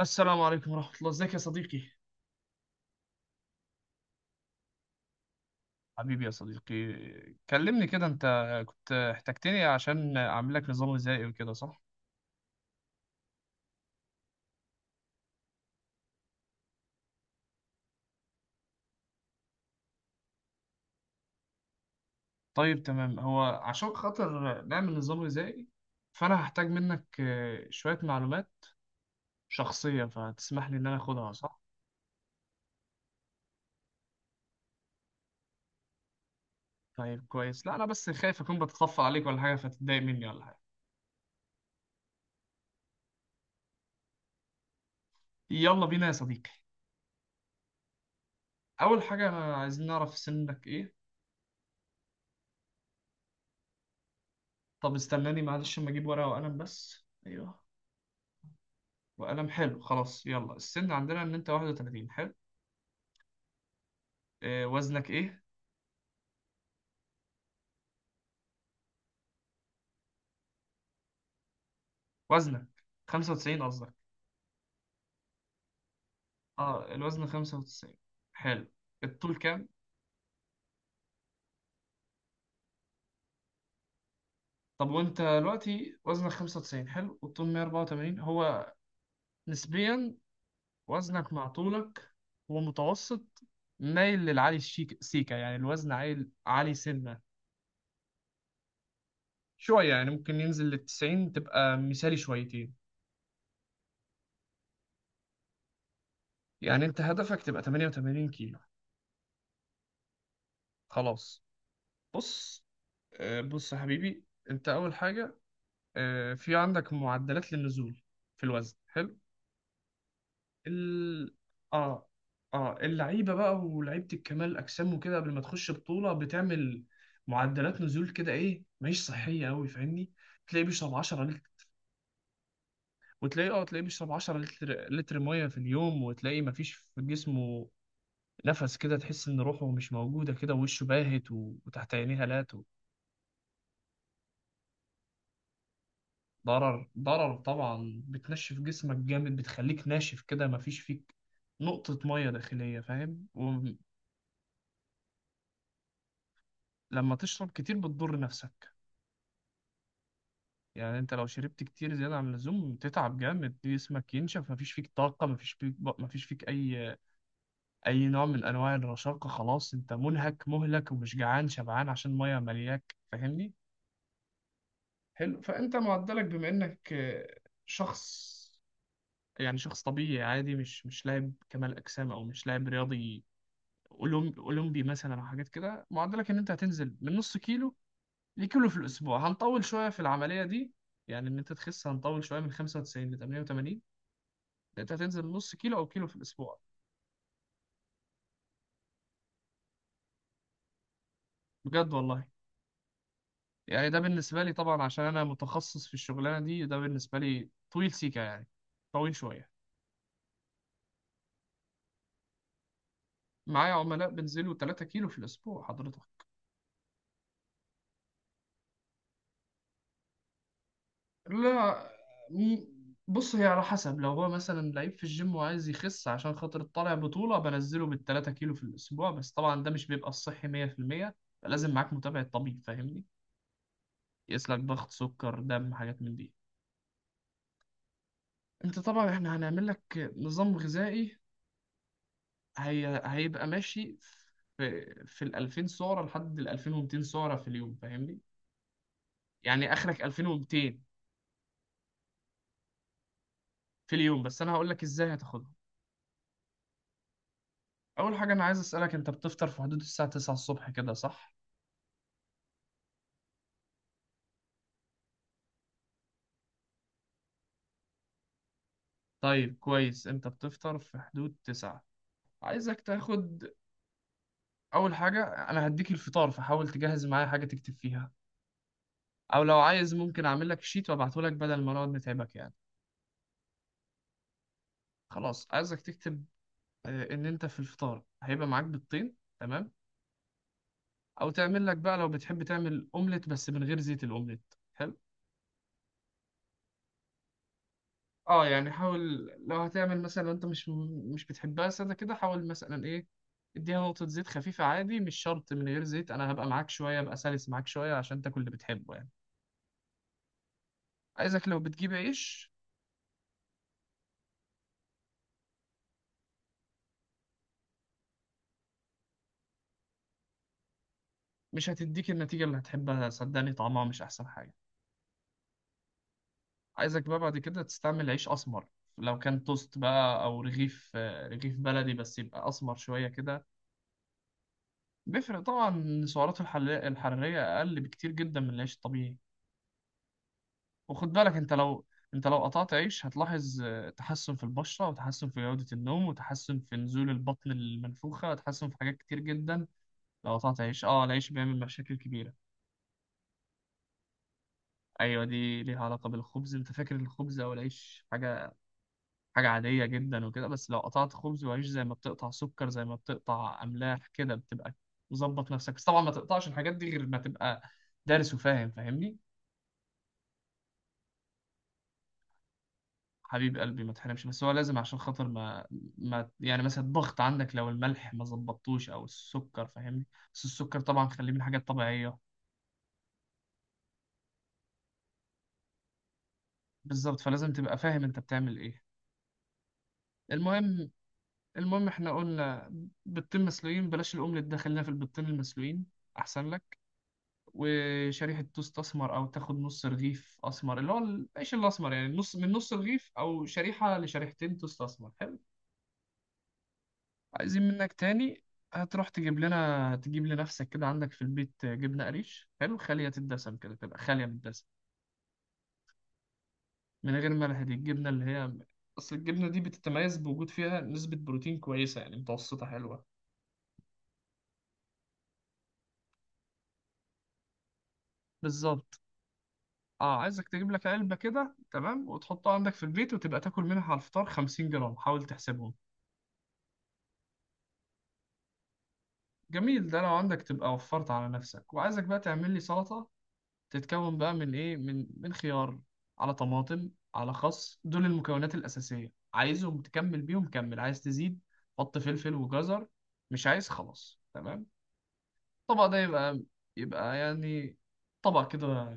السلام عليكم ورحمة الله، ازيك يا صديقي؟ حبيبي يا صديقي. كلمني كده انت، كنت احتجتني عشان اعمل لك نظام غذائي وكده صح؟ طيب تمام، هو عشان خاطر نعمل نظام غذائي فانا هحتاج منك شوية معلومات شخصية، فتسمح لي ان انا اخدها صح؟ طيب كويس، لا انا بس خايف اكون بتطفل عليك ولا حاجة فتتضايق مني ولا حاجة. يلا بينا يا صديقي. اول حاجة عايزين نعرف سنك ايه. طب استناني معلش اما اجيب ورقة وقلم، بس ايوه. وقلم، حلو. خلاص يلا، السن عندنا ان انت 31، حلو. وزنك ايه؟ وزنك 95 قصدك؟ اه الوزن 95، حلو. الطول كام؟ طب وانت دلوقتي وزنك 95، حلو، والطول 184. هو نسبيا وزنك مع طولك هو متوسط، مايل للعالي الشيك سيكا، يعني الوزن عالي، عالي سنة. شوية، يعني ممكن ينزل لل 90 تبقى مثالي شويتين. يعني انت هدفك تبقى 88 كيلو. خلاص. بص، بص يا حبيبي، انت اول حاجه، في عندك معدلات للنزول في الوزن، حلو. ال... اه اه اللعيبه بقى ولعيبه الكمال الاجسام وكده قبل ما تخش بطوله بتعمل معدلات نزول كده، ايه، مش صحيه قوي، فاهمني؟ تلاقيه بيشرب 10 لتر، وتلاقيه اه تلاقيه بيشرب 10 لتر ميه في اليوم، وتلاقيه مفيش في جسمه نفس كده، تحس ان روحه مش موجوده كده، ووشه باهت، وتحت عينيه هالات. ضرر ضرر طبعا، بتنشف جسمك جامد، بتخليك ناشف كده، مفيش فيك نقطة مية داخلية، فاهم؟ ولما تشرب كتير بتضر نفسك. يعني انت لو شربت كتير زيادة عن اللزوم تتعب جامد، جسمك ينشف، مفيش فيك طاقة، مفيش فيك أي نوع من أنواع الرشاقة، خلاص انت منهك مهلك، ومش جعان شبعان عشان مية ملياك، فاهمني؟ حلو. فانت معدلك، بما انك شخص، يعني شخص طبيعي عادي، مش لاعب كمال أجسام، أو مش لاعب رياضي اولمبي مثلا، او حاجات كده، معدلك ان انت هتنزل من نص كيلو لكيلو في الاسبوع. هنطول شويه في العمليه دي، يعني ان انت تخس هنطول شويه من 95 ل 88. ده انت هتنزل من نص كيلو او كيلو في الاسبوع، بجد والله. يعني ده بالنسبه لي طبعا، عشان انا متخصص في الشغلانه دي، ده بالنسبه لي طويل سيكا، يعني طويل شويه. معايا عملاء بنزلوا 3 كيلو في الاسبوع حضرتك. لا م- بص، هي على حسب، لو هو مثلا لعيب في الجيم وعايز يخس عشان خاطر طالع بطولة، بنزله بالتلاتة كيلو في الأسبوع، بس طبعا ده مش بيبقى الصحي مية في المية، فلازم معاك متابعة طبيب، فاهمني؟ يقيس لك ضغط، سكر، دم، حاجات من دي. انت طبعا احنا هنعمل لك نظام غذائي هيبقى ماشي في ال 2000 سعرة لحد ال 2200 سعرة في اليوم، فاهمني؟ يعني اخرك 2200 في اليوم، بس انا هقول لك ازاي هتاخدهم. اول حاجه انا عايز اسالك، انت بتفطر في حدود الساعه 9 الصبح كده صح؟ طيب كويس، انت بتفطر في حدود 9. عايزك تاخد اول حاجه، انا هديك الفطار فحاول تجهز معايا حاجه تكتب فيها، او لو عايز ممكن اعمل لك شيت وابعته لك بدل ما نقعد نتعبك يعني. خلاص عايزك تكتب ان انت في الفطار هيبقى معاك بيضتين، تمام، او تعمل لك بقى لو بتحب تعمل اومليت بس من غير زيت، الاومليت حلو. اه يعني حاول، لو هتعمل مثلا، لو انت مش بتحبها سادة كده، حاول مثلا ايه، اديها نقطة زيت خفيفة عادي، مش شرط من غير زيت، انا هبقى معاك شوية، ابقى سلس معاك شوية عشان تاكل اللي بتحبه يعني. عايزك لو بتجيب عيش، مش هتديك النتيجة اللي هتحبها صدقني، طعمها مش احسن حاجة. عايزك بقى بعد كده تستعمل عيش اسمر، لو كان توست بقى او رغيف، رغيف بلدي بس يبقى اسمر شوية كده. بيفرق طبعا، سعراته الحرارية اقل بكتير جدا من العيش الطبيعي. وخد بالك انت لو قطعت عيش هتلاحظ تحسن في البشرة، وتحسن في جودة النوم، وتحسن في نزول البطن المنفوخة، وتحسن في حاجات كتير جدا. لو قطعت عيش، العيش بيعمل مشاكل كبيرة. ايوه، دي ليها علاقة بالخبز. انت فاكر الخبز او العيش حاجة عادية جدا وكده، بس لو قطعت خبز وعيش زي ما بتقطع سكر، زي ما بتقطع املاح كده، بتبقى مظبط نفسك. بس طبعا ما تقطعش الحاجات دي غير ما تبقى دارس وفاهم، فاهمني؟ حبيب قلبي ما تحرمش، بس هو لازم، عشان خاطر ما يعني مثلا الضغط عندك لو الملح ما ظبطتوش او السكر، فاهمني؟ بس السكر طبعا خليه من الحاجات الطبيعية. بالظبط، فلازم تبقى فاهم انت بتعمل ايه. المهم المهم احنا قلنا بيضتين مسلوقين، بلاش الاومليت ده، خلينا في البيضتين المسلوقين احسن لك. وشريحة توست اسمر، او تاخد نص رغيف اسمر اللي هو العيش الاسمر، يعني نص من نص رغيف، او شريحة لشريحتين توست اسمر، حلو؟ عايزين منك تاني، هتروح تجيب لنفسك كده، عندك في البيت جبنة قريش، حلو، خالية الدسم كده تبقى خالية من الدسم، من غير ملح. دي الجبنة اللي هي أصل الجبنة دي بتتميز بوجود فيها نسبة بروتين كويسة، يعني متوسطة حلوة، بالظبط. اه عايزك تجيب لك علبة كده، تمام، وتحطها عندك في البيت، وتبقى تاكل منها على الفطار 50 جرام، حاول تحسبهم. جميل، ده لو عندك تبقى وفرت على نفسك. وعايزك بقى تعمل لي سلطة، تتكون بقى من ايه، من خيار، على طماطم، على خس، دول المكونات الأساسية، عايزهم، تكمل بيهم كمل، عايز تزيد حط فلفل وجزر، مش عايز خلاص تمام. الطبق ده يبقى يعني طبق كده،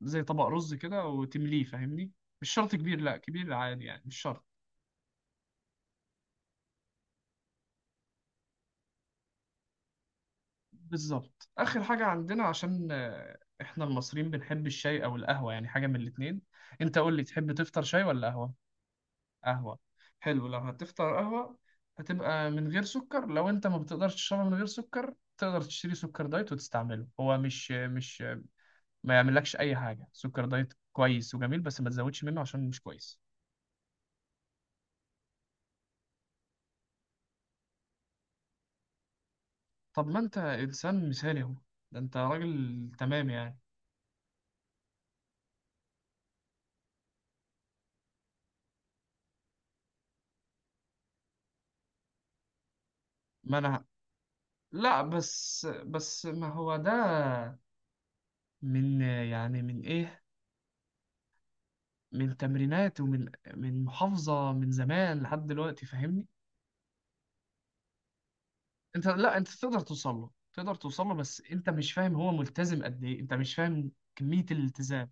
زي طبق رز كده وتمليه، فاهمني؟ مش شرط كبير، لا كبير عادي يعني، مش شرط. بالظبط، آخر حاجة عندنا، عشان احنا المصريين بنحب الشاي او القهوة، يعني حاجة من الاتنين. انت قول لي تحب تفطر شاي ولا قهوة؟ قهوة، حلو. لو هتفطر قهوة هتبقى من غير سكر، لو انت ما بتقدرش تشربها من غير سكر تقدر تشتري سكر دايت وتستعمله، هو مش ما يعملكش اي حاجة، سكر دايت كويس وجميل، بس ما تزودش منه عشان مش كويس. طب ما انت انسان مثالي اهو، ده انت راجل تمام يعني. ما انا، لا بس ما هو ده من، يعني من ايه، من تمرينات، ومن محافظة من زمان لحد دلوقتي، فاهمني؟ انت، لا انت تقدر توصل له، تقدر توصل له، بس انت مش فاهم هو ملتزم قد ايه، انت مش فاهم كمية الالتزام.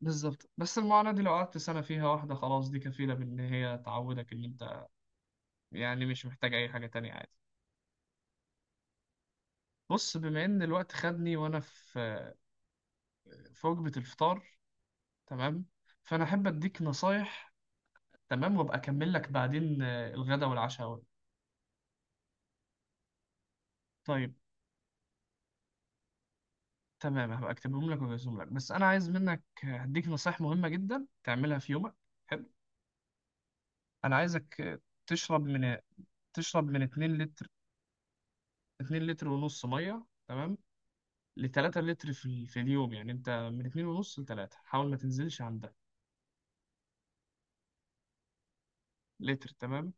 بالظبط، بس المعاناة دي لو قعدت سنة فيها واحدة خلاص، دي كفيلة بإن هي تعودك إن أنت، يعني مش محتاج أي حاجة تانية عادي. بص، بما إن الوقت خدني وأنا في وجبة الفطار، تمام، فأنا أحب أديك نصايح، تمام، وأبقى أكمل لك بعدين الغدا والعشاء. طيب تمام، هبقى أكتبهم لك وأجهزهم لك، بس أنا عايز منك هديك نصايح مهمة جدا تعملها في يومك، حلو؟ انا عايزك تشرب من تشرب من 2 لتر، 2 لتر ونص ميه تمام، ل 3 لتر في اليوم، يعني انت من 2 ونص ل 3، حاول ما تنزلش عن ده لتر، تمام.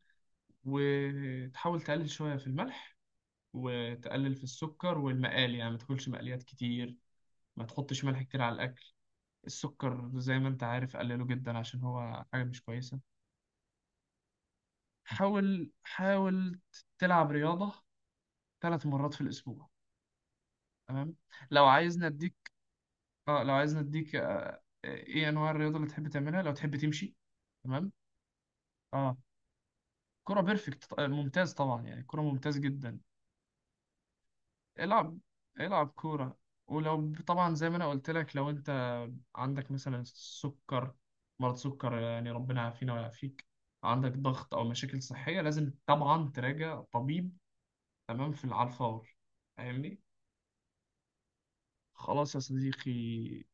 وتحاول تقلل شويه في الملح، وتقلل في السكر والمقالي، يعني ما تاكلش مقليات كتير، ما تحطش ملح كتير على الاكل. السكر زي ما انت عارف قلله جدا عشان هو حاجه مش كويسه. حاول، حاول تلعب رياضه ثلاث مرات في الاسبوع، تمام. لو عايزني اديك، اه لو عايز نديك ايه انواع الرياضه اللي تحب تعملها، لو تحب تمشي، تمام. اه كرة بيرفكت ممتاز طبعا، يعني كرة ممتاز جدا. العب، العب كورة. ولو طبعا زي ما انا قلت لك، لو انت عندك مثلا سكر، مرض سكر يعني، ربنا يعافينا ويعافيك، عندك ضغط او مشاكل صحية، لازم طبعا تراجع طبيب تمام، على الفور، فاهمني؟ خلاص يا صديقي،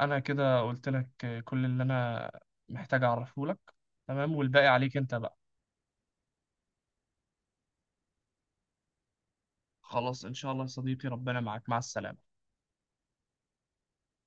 انا كده قلت لك كل اللي انا محتاج اعرفه لك، تمام، والباقي عليك انت بقى. خلاص ان شاء الله يا صديقي، ربنا معاك، مع السلامة.